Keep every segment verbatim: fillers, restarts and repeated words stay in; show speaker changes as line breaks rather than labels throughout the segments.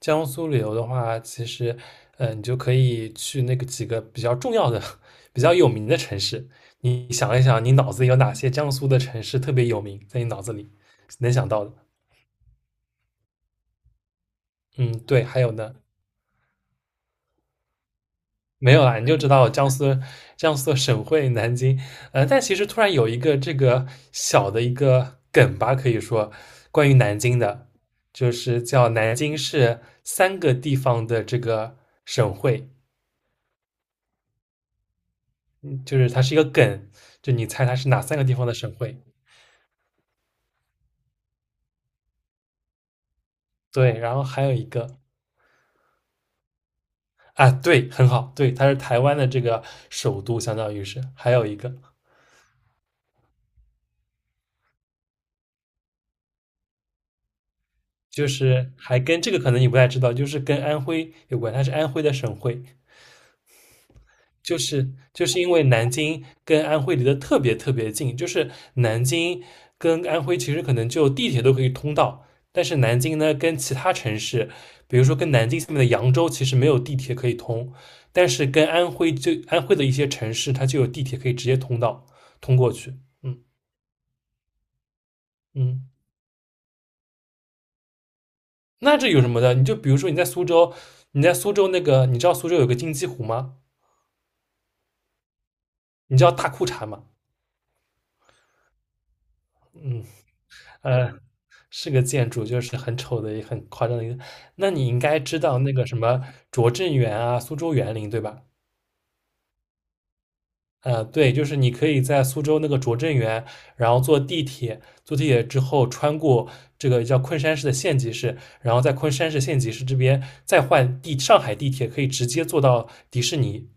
江苏旅游的话，其实，嗯，你就可以去那个几个比较重要的、比较有名的城市。你想一想，你脑子里有哪些江苏的城市特别有名，在你脑子里能想到的？嗯，对，还有呢，没有啦，你就知道江苏江苏省会南京。呃，但其实突然有一个这个小的一个梗吧，可以说关于南京的，就是叫南京是三个地方的这个省会。就是它是一个梗，就你猜它是哪三个地方的省会？对，然后还有一个啊，对，很好，对，它是台湾的这个首都，相当于是还有一个就是还跟这个可能你不太知道，就是跟安徽有关，它是安徽的省会，就是就是因为南京跟安徽离得特别特别近，就是南京跟安徽其实可能就地铁都可以通到，但是南京呢跟其他城市，比如说跟南京下面的扬州，其实没有地铁可以通，但是跟安徽就安徽的一些城市，它就有地铁可以直接通到通过去。嗯嗯，那这有什么的？你就比如说你在苏州，你在苏州那个，你知道苏州有个金鸡湖吗？你知道大裤衩吗？嗯呃，是个建筑，就是很丑的、也很夸张的一个。那你应该知道那个什么拙政园啊、苏州园林，对吧？呃，对，就是你可以在苏州那个拙政园，然后坐地铁，坐地铁之后穿过这个叫昆山市的县级市，然后在昆山市县级市这边再换地上海地铁，可以直接坐到迪士尼。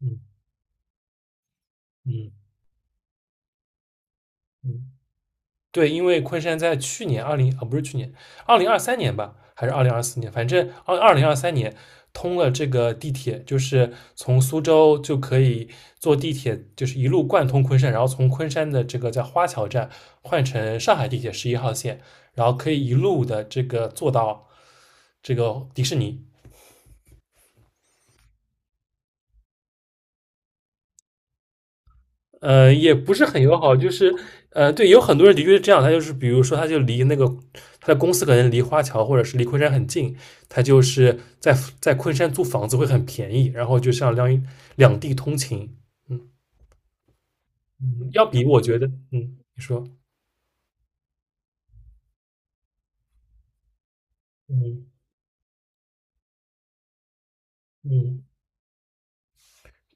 嗯嗯嗯。对，因为昆山在去年二零啊，不是去年，二零二三年吧，还是二零二四年，反正二二零二三年通了这个地铁，就是从苏州就可以坐地铁，就是一路贯通昆山，然后从昆山的这个在花桥站换乘上海地铁十一号线，然后可以一路的这个坐到这个迪士尼。呃，也不是很友好，就是呃，对，有很多人的确是这样，他就是比如说，他就离那个他的公司可能离花桥或者是离昆山很近，他就是在在昆山租房子会很便宜，然后就像两两地通勤，嗯嗯，要比我觉得，嗯，你说，嗯嗯。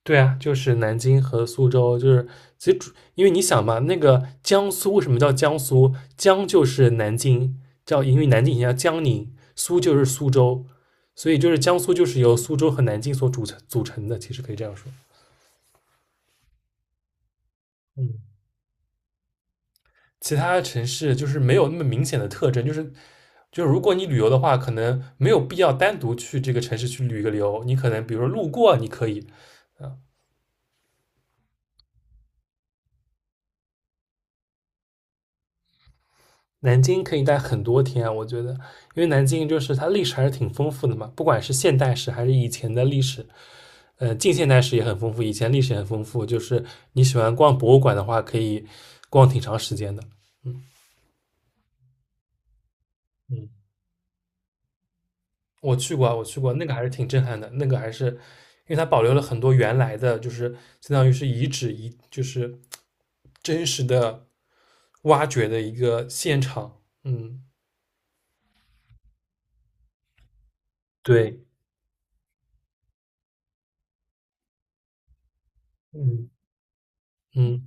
对啊，就是南京和苏州，就是其实主，因为你想嘛，那个江苏为什么叫江苏？江就是南京，叫因为南京以前叫江宁，苏就是苏州，所以就是江苏就是由苏州和南京所组成组成的，其实可以这样说。嗯，其他城市就是没有那么明显的特征，就是就是如果你旅游的话，可能没有必要单独去这个城市去旅个游，你可能比如说路过你可以，南京可以待很多天啊我觉得，因为南京就是它历史还是挺丰富的嘛，不管是现代史还是以前的历史，呃，近现代史也很丰富，以前历史也很丰富。就是你喜欢逛博物馆的话，可以逛挺长时间的。嗯嗯，我去过啊，我去过，那个还是挺震撼的，那个还是因为它保留了很多原来的，就是相当于是遗址遗，就是真实的挖掘的一个现场。嗯，对，嗯嗯。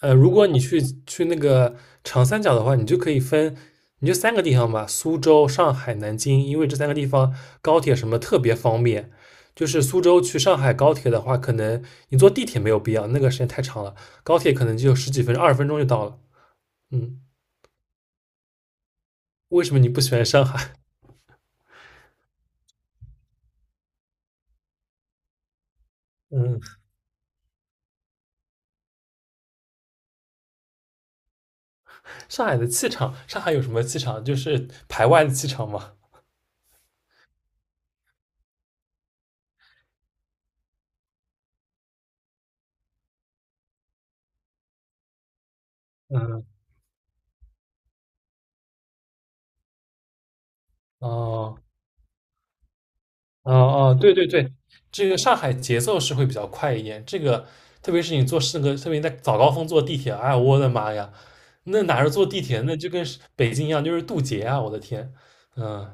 呃，如果你去去那个长三角的话，你就可以分，你就三个地方吧，苏州、上海、南京，因为这三个地方高铁什么特别方便。就是苏州去上海高铁的话，可能你坐地铁没有必要，那个时间太长了，高铁可能就十几分钟、二十分钟就到了。嗯，为什么你不喜欢上海？嗯，上海的气场，上海有什么气场？就是排外的气场嘛。嗯，哦。哦哦，对对对，这个上海节奏是会比较快一点。这个特别是你坐那个，特别你在早高峰坐地铁，哎呀，我的妈呀，那哪是坐地铁，那就跟是北京一样，就是渡劫啊！我的天，嗯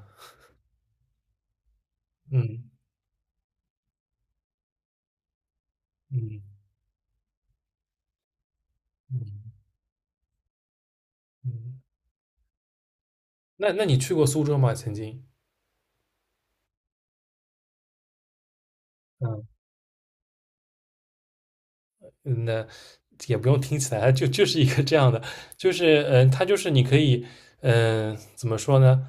嗯嗯嗯嗯，那那你去过苏州吗？曾经？嗯。嗯，那也不用听起来，就就是一个这样的，就是嗯，它就是你可以，嗯，怎么说呢？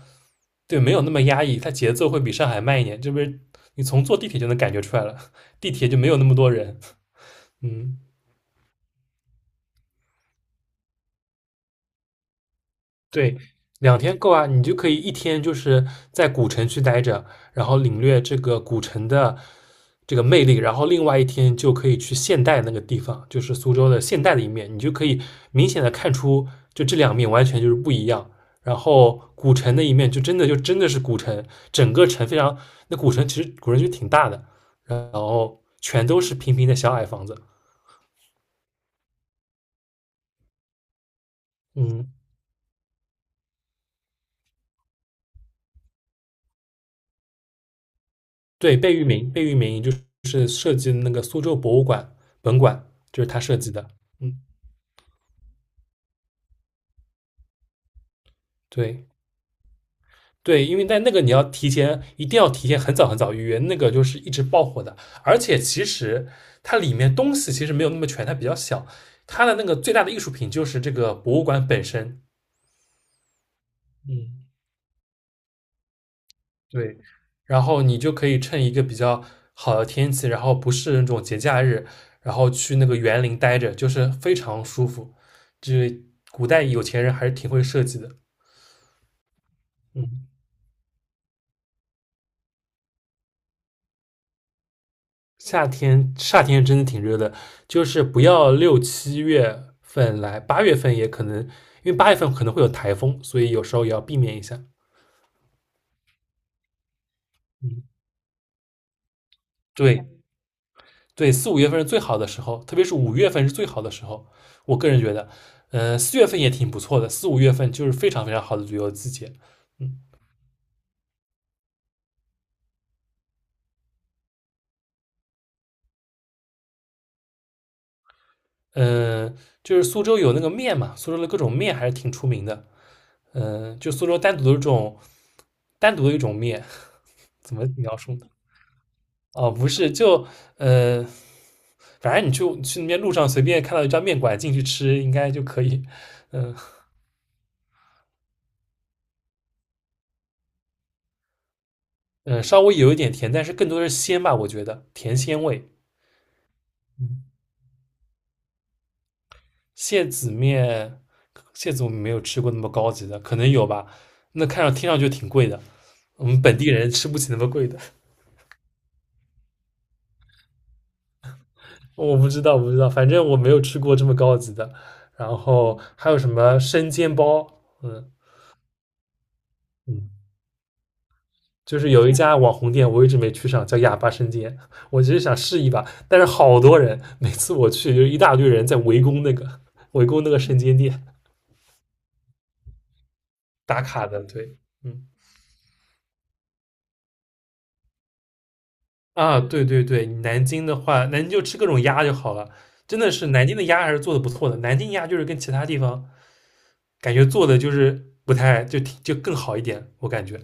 对，没有那么压抑，它节奏会比上海慢一点，这不是你从坐地铁就能感觉出来了，地铁就没有那么多人，嗯。对，两天够啊，你就可以一天就是在古城区待着，然后领略这个古城的这个魅力，然后另外一天就可以去现代那个地方，就是苏州的现代的一面，你就可以明显的看出，就这两面完全就是不一样。然后古城的一面就真的就真的是古城，整个城非常，那古城其实古城就挺大的，然后全都是平平的小矮房子，嗯。对，贝聿铭，贝聿铭就是设计的那个苏州博物馆本馆，就是他设计的。嗯，对对，因为在那个你要提前，一定要提前很早很早预约，那个就是一直爆火的。而且其实它里面东西其实没有那么全，它比较小。它的那个最大的艺术品就是这个博物馆本身。嗯。对，然后你就可以趁一个比较好的天气，然后不是那种节假日，然后去那个园林待着，就是非常舒服。就是古代有钱人还是挺会设计的。嗯，夏天夏天真的挺热的，就是不要六七月份来，八月份也可能，因为八月份可能会有台风，所以有时候也要避免一下。嗯，对，对，四五月份是最好的时候，特别是五月份是最好的时候。我个人觉得，嗯、呃四月份也挺不错的，四五月份就是非常非常好的旅游季节。嗯嗯、呃就是苏州有那个面嘛，苏州的各种面还是挺出名的。嗯、呃就苏州单独的这种单独的一种面，怎么描述呢？哦，不是，就呃，反正你去去那边路上随便看到一家面馆进去吃，应该就可以。嗯、呃嗯、呃稍微有一点甜，但是更多的是鲜吧，我觉得甜鲜味。嗯。蟹子面，蟹子我们没有吃过那么高级的，可能有吧。那看上听上去挺贵的，我们本地人吃不起那么贵的。我不知道，不知道，反正我没有吃过这么高级的。然后还有什么生煎包？嗯嗯，就是有一家网红店，我一直没去上，叫哑巴生煎。我其实想试一把，但是好多人，每次我去就一大堆人在围攻那个 围攻那个生煎店打卡的。对，嗯。啊，对对对，南京的话，南京就吃各种鸭就好了。真的是南京的鸭还是做的不错的，南京鸭就是跟其他地方感觉做的就是不太就挺就更好一点，我感觉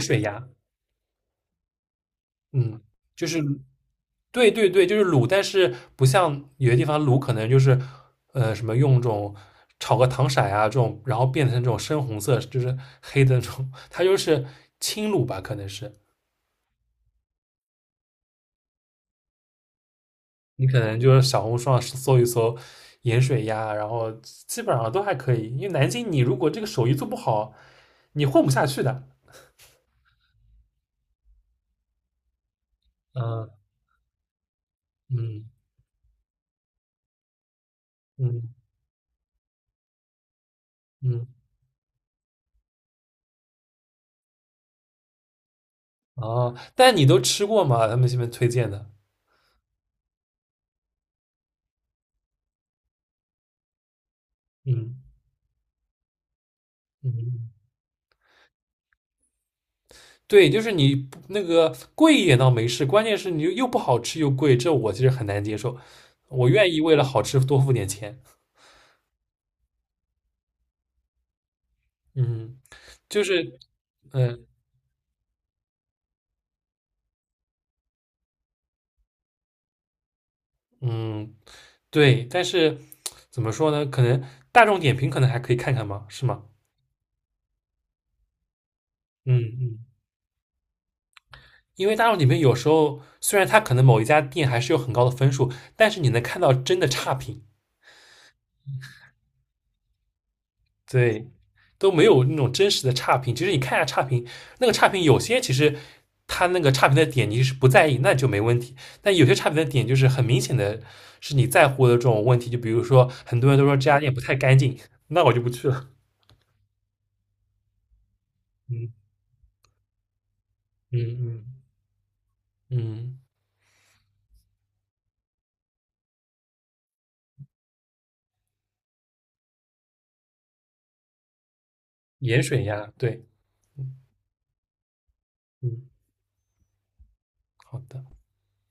盐水鸭，嗯，就是对对对，就是卤，但是不像有些地方卤可能就是呃什么用这种炒个糖色啊这种，然后变成这种深红色，就是黑的那种，它就是轻卤吧，可能是，你可能就是小红书上搜一搜盐水鸭，然后基本上都还可以。因为南京，你如果这个手艺做不好，你混不下去的。嗯嗯嗯嗯，哦，但你都吃过吗？他们这边推荐的，嗯嗯，对，就是你不那个贵一点倒没事，关键是你又不好吃又贵，这我其实很难接受。我愿意为了好吃多付点钱。嗯，就是，嗯嗯，对，但是怎么说呢？可能大众点评可能还可以看看嘛，是吗？嗯嗯，因为大众点评有时候虽然它可能某一家店还是有很高的分数，但是你能看到真的差评，对，都没有那种真实的差评。其实你看一下差评，那个差评有些其实它那个差评的点你是不在意，那就没问题。但有些差评的点就是很明显的是你在乎的这种问题，就比如说很多人都说这家店不太干净，那我就不去了。嗯嗯嗯嗯。盐水鸭，对，嗯嗯，好的。